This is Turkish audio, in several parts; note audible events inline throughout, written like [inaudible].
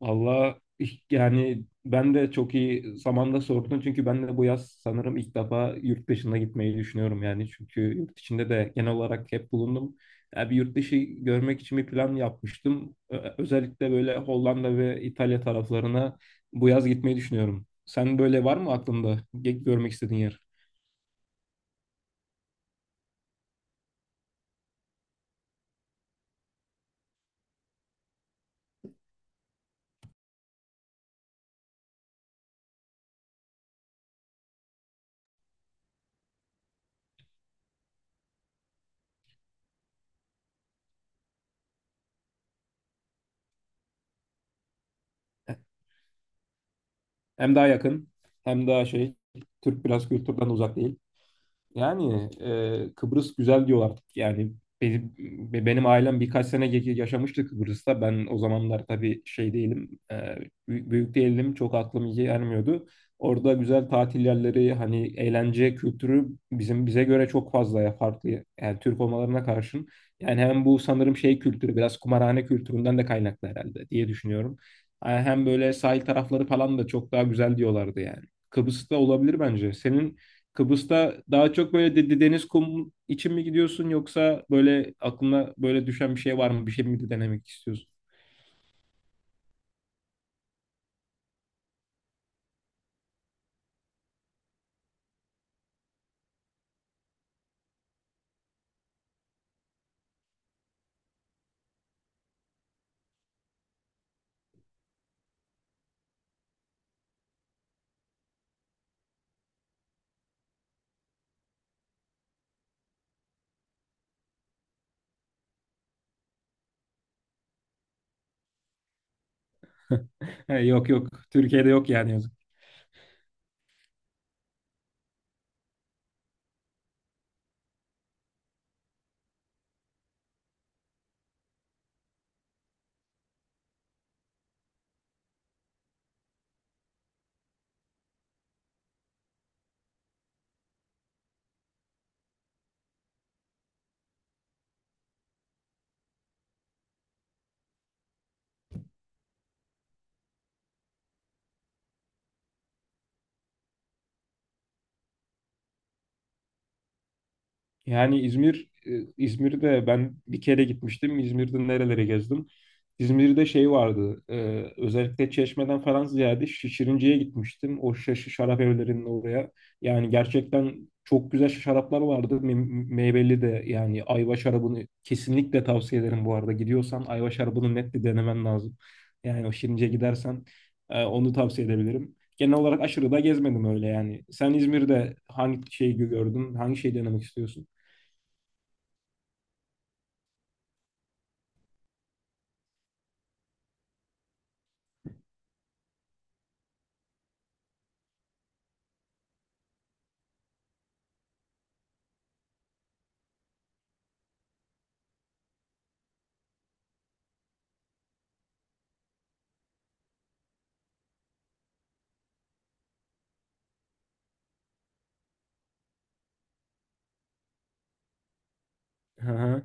Valla yani ben de çok iyi zamanda sordun çünkü ben de bu yaz sanırım ilk defa yurt dışına gitmeyi düşünüyorum yani çünkü yurt içinde de genel olarak hep bulundum. Yani bir yurt dışı görmek için bir plan yapmıştım. Özellikle böyle Hollanda ve İtalya taraflarına bu yaz gitmeyi düşünüyorum. Sen böyle var mı aklında görmek istediğin yer? Hem daha yakın, hem daha şey, Türk biraz kültürden uzak değil. Yani Kıbrıs güzel diyorlar artık. Yani benim, benim ailem birkaç sene yaşamıştı Kıbrıs'ta. Ben o zamanlar tabii şey değilim, büyük değilim. Çok aklım iyi ermiyordu. Orada güzel tatil yerleri, hani eğlence kültürü bizim bize göre çok fazla ya farklı. Yani Türk olmalarına karşın. Yani hem bu sanırım şey kültürü, biraz kumarhane kültüründen de kaynaklı herhalde diye düşünüyorum. Yani hem böyle sahil tarafları falan da çok daha güzel diyorlardı yani. Kıbrıs'ta olabilir bence. Senin Kıbrıs'ta daha çok böyle deniz kum için mi gidiyorsun, yoksa böyle aklına böyle düşen bir şey var mı? Bir şey mi denemek istiyorsun? [laughs] He, yok yok. Türkiye'de yok yani. Yani İzmir, İzmir'de ben bir kere gitmiştim. İzmir'de nerelere gezdim? İzmir'de şey vardı. Özellikle Çeşme'den falan ziyade Şişirinci'ye gitmiştim. O şaşı şarap evlerinin oraya. Yani gerçekten çok güzel şaraplar vardı. Meyveli de yani ayva şarabını kesinlikle tavsiye ederim bu arada. Gidiyorsan ayva şarabını net bir denemen lazım. Yani o Şirince'ye gidersen onu tavsiye edebilirim. Genel olarak aşırı da gezmedim öyle yani. Sen İzmir'de hangi şeyi gördün? Hangi şeyi denemek istiyorsun? Hı hı.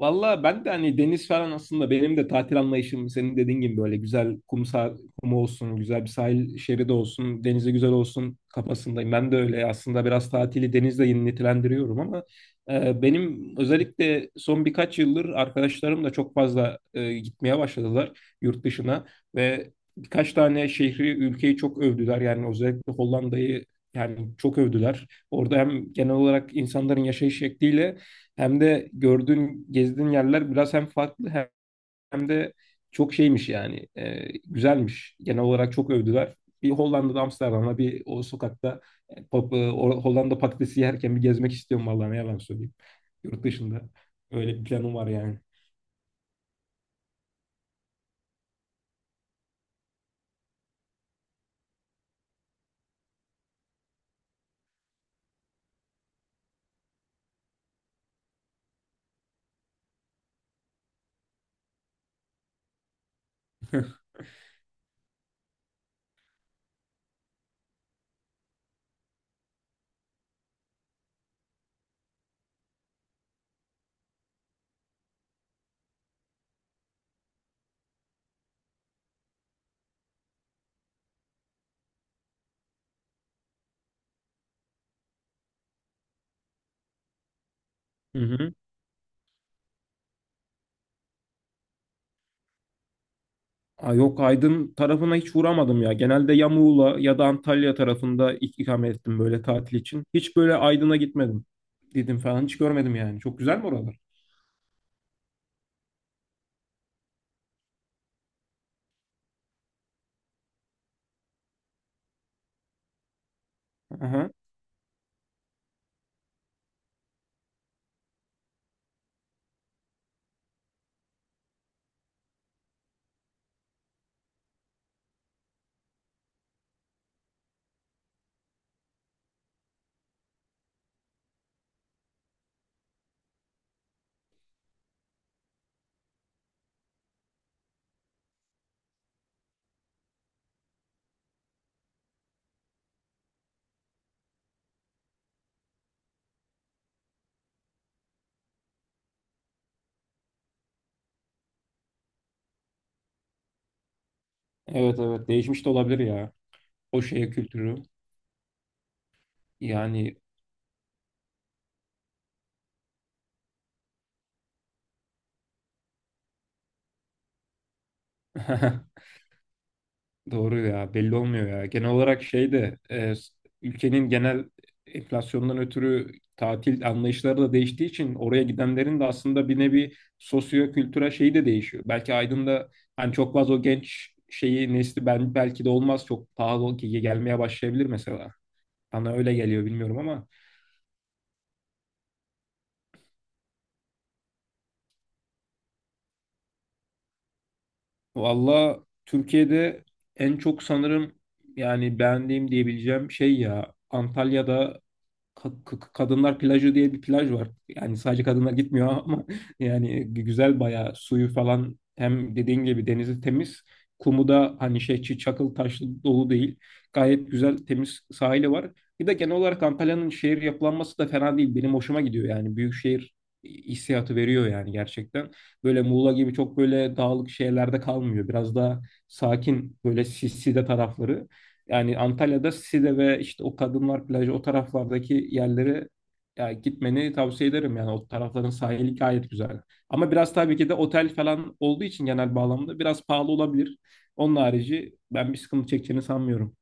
Valla ben de hani deniz falan aslında benim de tatil anlayışım senin dediğin gibi böyle güzel kum, kum olsun, güzel bir sahil şeridi olsun, denize güzel olsun kafasındayım. Ben de öyle aslında biraz tatili denizle yenilendiriyorum ama benim özellikle son birkaç yıldır arkadaşlarım da çok fazla gitmeye başladılar yurt dışına ve birkaç tane şehri, ülkeyi çok övdüler. Yani özellikle Hollanda'yı yani çok övdüler. Orada hem genel olarak insanların yaşayış şekliyle hem de gördüğün, gezdiğin yerler biraz hem farklı, hem de çok şeymiş yani. Güzelmiş. Genel olarak çok övdüler. Bir Hollanda'da Amsterdam'da bir o sokakta Hollanda patatesi yerken bir gezmek istiyorum vallahi, ne yalan söyleyeyim. Yurt dışında. Öyle bir planım var yani. [laughs] Hı hı. Aa, yok, Aydın tarafına hiç uğramadım ya. Genelde ya Muğla ya da Antalya tarafında ikamet ettim böyle tatil için. Hiç böyle Aydın'a gitmedim. Dedim falan hiç görmedim yani. Çok güzel mi oralar? Aha. Evet, evet, değişmiş de olabilir ya. O şeye kültürü yani. [laughs] Doğru ya, belli olmuyor ya. Genel olarak şey de ülkenin genel enflasyondan ötürü tatil anlayışları da değiştiği için oraya gidenlerin de aslında bir nevi sosyo-kültürel şeyi de değişiyor. Belki Aydın'da hani çok fazla o genç şeyi nesli, ben belki de olmaz çok pahalı ki gelmeye başlayabilir mesela. Bana öyle geliyor, bilmiyorum ama. Valla, Türkiye'de en çok sanırım yani beğendiğim diyebileceğim şey ya Antalya'da Kadınlar Plajı diye bir plaj var. Yani sadece kadınlar gitmiyor ama [laughs] yani güzel bayağı suyu falan, hem dediğin gibi denizi temiz. Kumu da hani şey, çakıl taşlı dolu değil. Gayet güzel temiz sahili var. Bir de genel olarak Antalya'nın şehir yapılanması da fena değil. Benim hoşuma gidiyor yani. Büyük şehir hissiyatı veriyor yani gerçekten. Böyle Muğla gibi çok böyle dağlık şehirlerde kalmıyor. Biraz daha sakin böyle sisli de tarafları. Yani Antalya'da Side ve işte o Kadınlar Plajı, o taraflardaki yerlere ya gitmeni tavsiye ederim yani, o tarafların sahili gayet güzel. Ama biraz tabii ki de otel falan olduğu için genel bağlamda biraz pahalı olabilir. Onun harici ben bir sıkıntı çekeceğini sanmıyorum.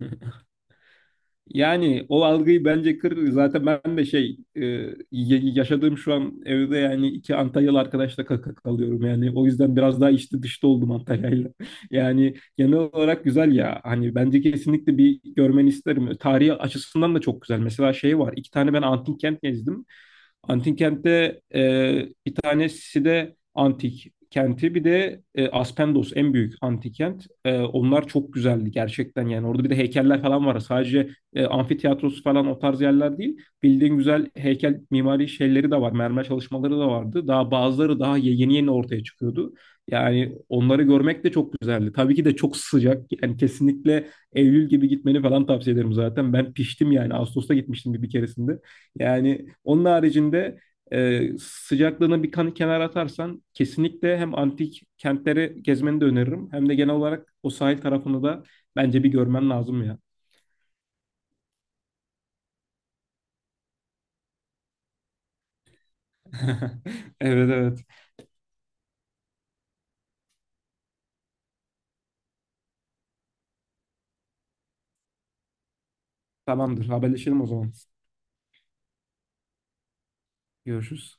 [laughs] Yani o algıyı bence kır. Zaten ben de şey, yaşadığım şu an evde yani iki Antalyalı arkadaşla kaka kalıyorum. Yani o yüzden biraz daha içli dışta oldum Antalya'yla. [laughs] Yani genel olarak güzel ya. Hani bence kesinlikle bir görmeni isterim. Tarihi açısından da çok güzel. Mesela şey var, iki tane ben antik kent gezdim. Antik kentte bir tanesi de antik kenti, bir de Aspendos en büyük antik kent. Onlar çok güzeldi gerçekten yani, orada bir de heykeller falan var. Sadece amfitiyatrosu falan o tarz yerler değil. Bildiğin güzel heykel mimari şeyleri de var. Mermer çalışmaları da vardı. Daha bazıları daha yeni yeni ortaya çıkıyordu. Yani onları görmek de çok güzeldi. Tabii ki de çok sıcak. Yani kesinlikle Eylül gibi gitmeni falan tavsiye ederim zaten. Ben piştim yani. Ağustos'ta gitmiştim bir keresinde. Yani onun haricinde sıcaklığını bir kan kenara atarsan kesinlikle hem antik kentleri gezmeni de öneririm, hem de genel olarak o sahil tarafını da bence bir görmen lazım ya. [laughs] Evet, evet. Tamamdır. Haberleşelim o zaman. Görüşürüz.